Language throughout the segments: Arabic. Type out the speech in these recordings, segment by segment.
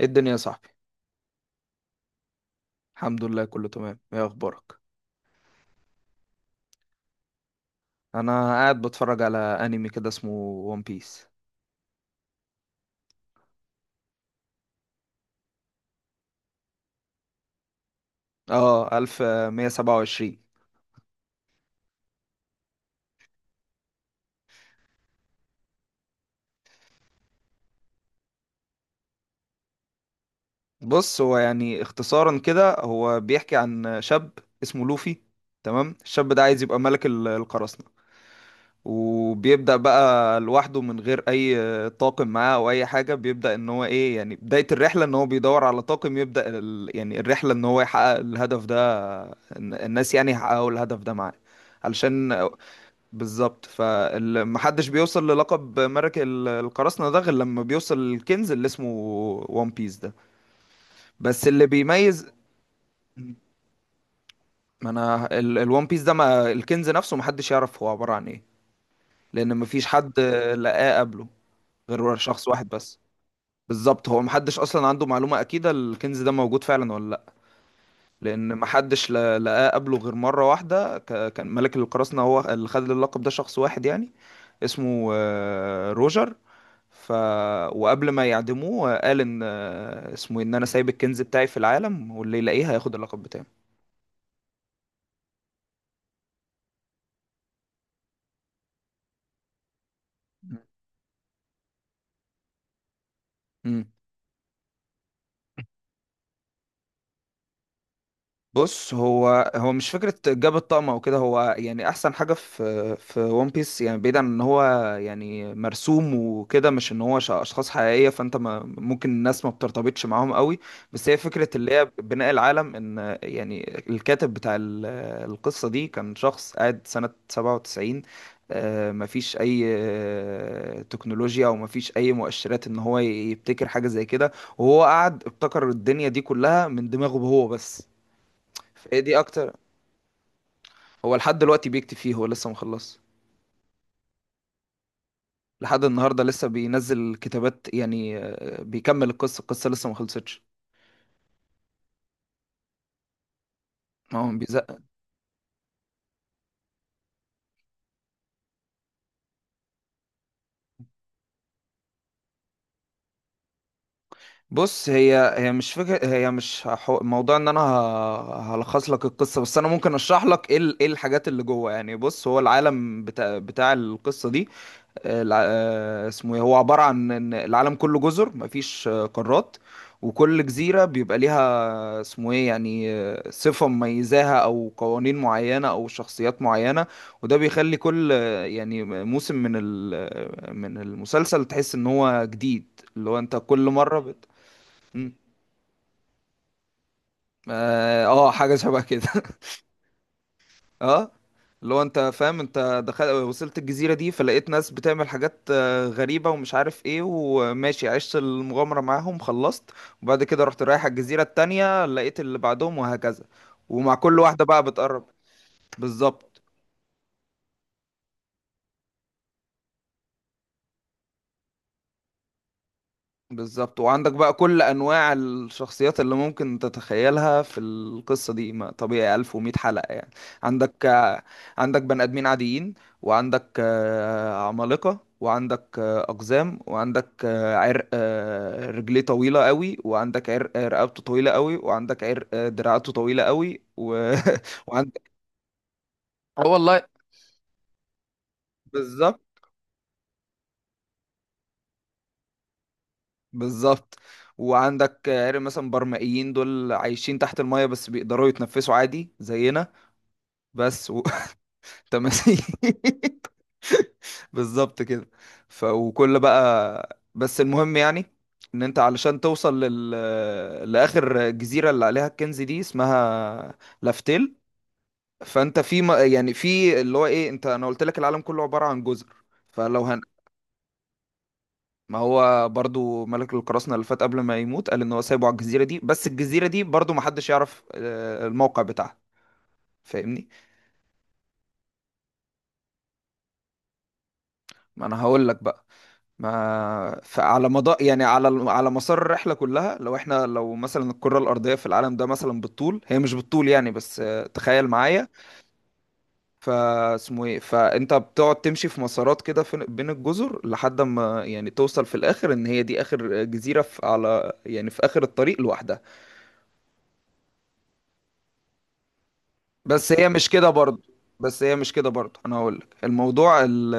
ايه الدنيا يا صاحبي؟ الحمد لله، كله تمام. ايه اخبارك؟ انا قاعد بتفرج على انمي كده اسمه ون بيس. اه، 1127. بص، هو يعني اختصارا كده هو بيحكي عن شاب اسمه لوفي. تمام، الشاب ده عايز يبقى ملك القراصنة. وبيبدأ بقى لوحده من غير اي طاقم معاه او اي حاجة. بيبدأ ان هو ايه، يعني بداية الرحلة ان هو بيدور على طاقم يبدأ يعني الرحلة ان هو يحقق الهدف ده. الناس يعني يحققوا الهدف ده معاه. علشان... بالظبط. فمحدش بيوصل للقب ملك القراصنة ده غير لما بيوصل للكنز اللي اسمه وان بيس ده. بس اللي بيميز... ما انا الوان بيس ده، ما الكنز نفسه محدش يعرف هو عبارة عن ايه، لان مفيش حد لقاه قبله غير شخص واحد بس. بالظبط، هو محدش اصلا عنده معلومة اكيدة الكنز ده موجود فعلا ولا لا. لان محدش لقاه قبله غير مرة واحدة، كان ملك القراصنة هو اللي خد اللقب ده شخص واحد يعني، اسمه روجر. ف... وقبل ما يعدموه قال ان اسمه إيه، ان انا سايب الكنز بتاعي في العالم واللي يلاقيه هياخد اللقب بتاعي. مم. بص، هو مش فكرة جاب الطقم او كده. هو يعني احسن حاجة في ون بيس، يعني بعيدا عن ان هو يعني مرسوم وكده، مش ان هو اشخاص حقيقية، فانت ما ممكن الناس ما بترتبطش معاهم قوي. بس هي فكرة اللي هي بناء العالم، ان يعني الكاتب بتاع القصة دي كان شخص قاعد سنة 97. مفيش اي تكنولوجيا او مفيش اي مؤشرات ان هو يبتكر حاجة زي كده، وهو قعد ابتكر الدنيا دي كلها من دماغه هو بس. فهي دي اكتر... هو لحد دلوقتي بيكتب فيه، هو لسه مخلص. لحد النهارده لسه بينزل كتابات يعني، بيكمل القصه لسه ما خلصتش. ما هو بيزق. بص، هي مش فكره، هي مش موضوع ان انا هلخص لك القصه، بس انا ممكن اشرح لك ايه ايه الحاجات اللي جوه يعني. بص، هو العالم بتاع القصه دي، اسمه ايه، هو عبارة عن ان العالم كله جزر، مفيش قارات. وكل جزيرة بيبقى ليها اسمه ايه يعني صفة مميزاها او قوانين معينة او شخصيات معينة. وده بيخلي كل يعني موسم من من المسلسل تحس ان هو جديد. اللي هو انت كل مرة مم. اه، حاجة شبه كده. اه، اللي هو انت فاهم، انت دخلت وصلت الجزيرة دي فلقيت ناس بتعمل حاجات غريبة ومش عارف ايه، وماشي عشت المغامرة معاهم، خلصت. وبعد كده رحت رايح على الجزيرة التانية، لقيت اللي بعدهم، وهكذا. ومع كل واحدة بقى بتقرب. بالظبط. بالظبط، وعندك بقى كل انواع الشخصيات اللي ممكن تتخيلها في القصه دي، ما طبيعي، 1100 حلقه يعني. عندك آه، عندك بني ادمين عاديين، وعندك عمالقه، وعندك اقزام، وعندك عرق رجليه طويله قوي، وعندك عرق رقبته طويله قوي، وعندك عرق دراعاته طويله قوي وعندك... اه والله. بالظبط. بالظبط. وعندك عرق مثلا برمائيين، دول عايشين تحت المايه بس بيقدروا يتنفسوا عادي زينا. بس و... تماثيل. بالظبط كده. ف وكل بقى، بس المهم يعني ان انت علشان توصل لاخر جزيره اللي عليها الكنز دي، اسمها لافتيل. فانت في يعني في اللي هو ايه، انت انا قلت لك العالم كله عباره عن جزر. فلو هن... ما هو برضو ملك القراصنة اللي فات قبل ما يموت قال ان هو سايبه على الجزيرة دي. بس الجزيرة دي برضو محدش يعرف الموقع بتاعها، فاهمني. ما انا هقول لك بقى. ما فعلى مدار يعني على على مسار الرحله كلها، لو احنا لو مثلا الكره الارضيه في العالم ده مثلا بالطول، هي مش بالطول يعني، بس تخيل معايا. فاسمه ايه، فانت بتقعد تمشي في مسارات كده بين الجزر لحد ما يعني توصل في الاخر ان هي دي اخر جزيره في على يعني في اخر الطريق لوحدها. بس هي مش كده برضه. بس هي مش كده برضه، انا هقول لك الموضوع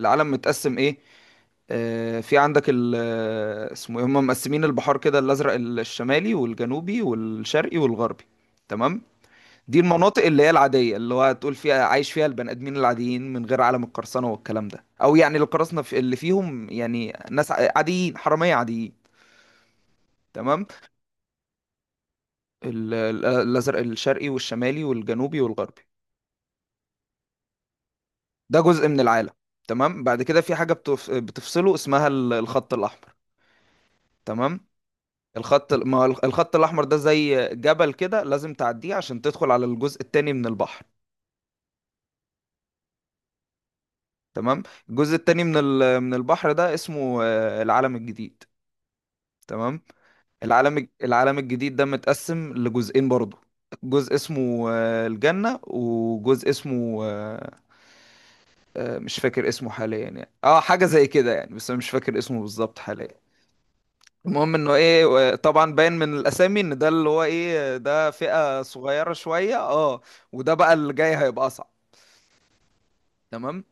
العالم متقسم ايه. في عندك ال اسمه ايه، هم مقسمين البحار كده: الازرق الشمالي والجنوبي والشرقي والغربي. تمام. دي المناطق اللي هي العاديه اللي هو هتقول فيها عايش فيها البني ادمين العاديين من غير عالم القرصنه والكلام ده، او يعني القراصنه في اللي فيهم يعني ناس عاديين، حراميه عاديين. تمام. الازرق الشرقي والشمالي والجنوبي والغربي، ده جزء من العالم. تمام. بعد كده في حاجه بتفصله اسمها الخط الاحمر. تمام. الخط، ما هو الخط الاحمر ده زي جبل كده، لازم تعديه عشان تدخل على الجزء التاني من البحر. تمام. الجزء التاني من من البحر ده اسمه العالم الجديد. تمام. العالم الجديد ده متقسم لجزئين برضو. جزء اسمه الجنة، وجزء اسمه مش فاكر اسمه حاليا يعني، اه، حاجة زي كده يعني، بس انا مش فاكر اسمه بالظبط حاليا. المهم انه ايه طبعا باين من الاسامي ان ده اللي هو ايه، ده فئة صغيرة شوية، اه. وده بقى اللي جاي هيبقى اصعب. تمام.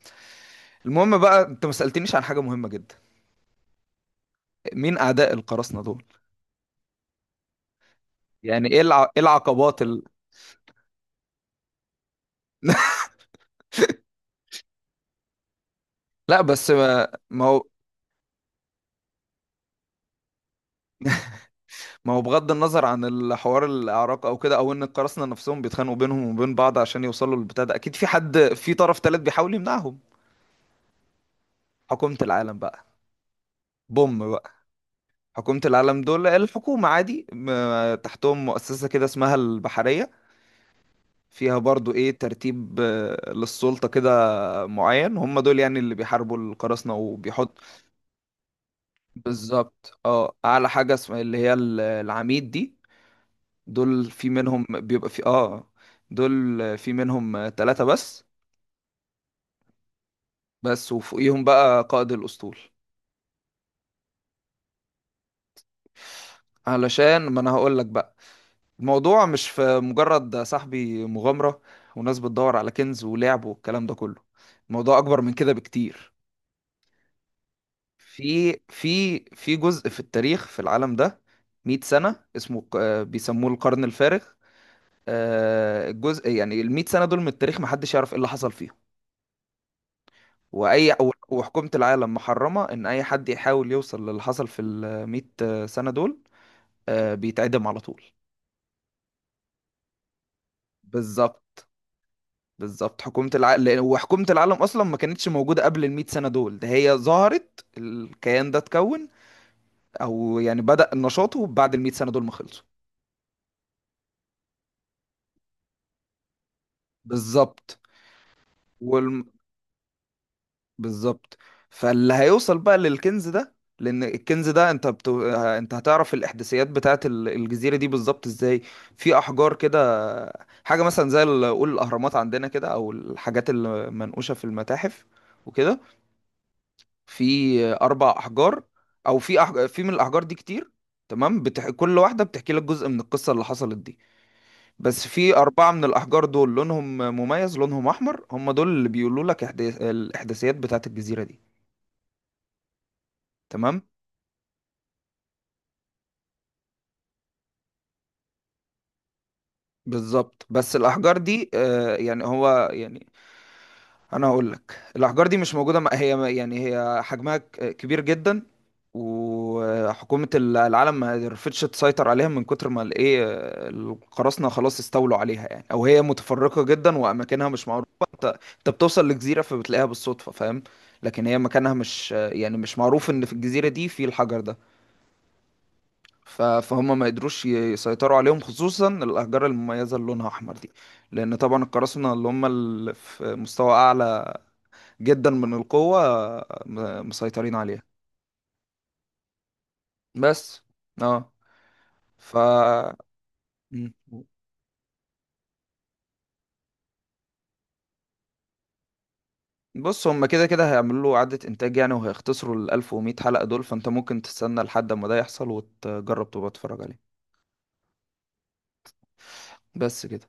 المهم بقى، انت ما سألتنيش عن حاجة مهمة جدا: مين اعداء القراصنة دول. يعني ايه ايه العقبات لا، بس ما هو بغض النظر عن الحوار الاعراق او كده، او ان القراصنة نفسهم بيتخانقوا بينهم وبين بعض عشان يوصلوا للبتاع ده، اكيد في حد، في طرف تالت بيحاول يمنعهم. حكومة العالم بقى. بوم بقى. حكومة العالم، دول الحكومة عادي، تحتهم مؤسسة كده اسمها البحرية، فيها برضو ايه ترتيب للسلطة كده معين. هم دول يعني اللي بيحاربوا القراصنة وبيحط... بالظبط، اه. اعلى حاجة اسمها اللي هي العميد دي. دول في منهم بيبقى في اه، دول في منهم ثلاثة بس، بس. وفوقيهم بقى قائد الأسطول. علشان ما انا هقول لك بقى. الموضوع مش في مجرد صاحبي مغامرة وناس بتدور على كنز ولعب والكلام ده كله. الموضوع أكبر من كده بكتير. في جزء في التاريخ في العالم ده، 100 سنة اسمه بيسموه القرن الفارغ. الجزء يعني ال 100 سنة دول من التاريخ محدش يعرف ايه اللي حصل فيهم. وأي وحكومة العالم محرمة إن أي حد يحاول يوصل للي حصل في ال 100 سنة دول، بيتعدم على طول. بالظبط. بالظبط. حكومة العالم لأن، وحكومة العالم أصلا ما كانتش موجودة قبل المئة سنة دول. ده هي ظهرت، الكيان ده اتكون، أو يعني بدأ نشاطه بعد المئة سنة دول ما خلصوا. بالظبط. والم... بالظبط. فاللي هيوصل بقى للكنز ده، لأن الكنز ده أنت أنت هتعرف الإحداثيات بتاعة الجزيرة دي بالظبط إزاي؟ في أحجار كده، حاجة مثلا زي قول الأهرامات عندنا كده، أو الحاجات المنقوشة في المتاحف وكده. في اربع احجار، او في في من الاحجار دي كتير. تمام. كل واحده بتحكي لك جزء من القصه اللي حصلت دي. بس في اربعه من الاحجار دول لونهم مميز، لونهم احمر، هم دول اللي بيقولوا لك الاحداثيات بتاعت الجزيره دي. تمام. بالظبط. بس الاحجار دي، آه يعني هو يعني، انا هقول لك، الاحجار دي مش موجوده. هي يعني هي حجمها كبير جدا، وحكومة العالم ما رفضتش تسيطر عليها من كتر ما الايه، القراصنة خلاص استولوا عليها يعني، او هي متفرقة جدا واماكنها مش معروفة. انت انت بتوصل لجزيرة فبتلاقيها بالصدفة، فاهم؟ لكن هي مكانها مش يعني مش معروف ان في الجزيرة دي في الحجر ده. فهم ما قدروش يسيطروا عليهم، خصوصا الأحجار المميزة اللي لونها أحمر دي، لأن طبعا القراصنة اللي هم اللي في مستوى أعلى جدا من القوة مسيطرين عليها بس. اه. ف. مم. بص، هم كده كده هيعملوا له إعادة إنتاج يعني، وهيختصروا ال 1100 حلقة دول. فأنت ممكن تستنى لحد ما ده يحصل وتجرب تبقى تتفرج عليه. بس كده.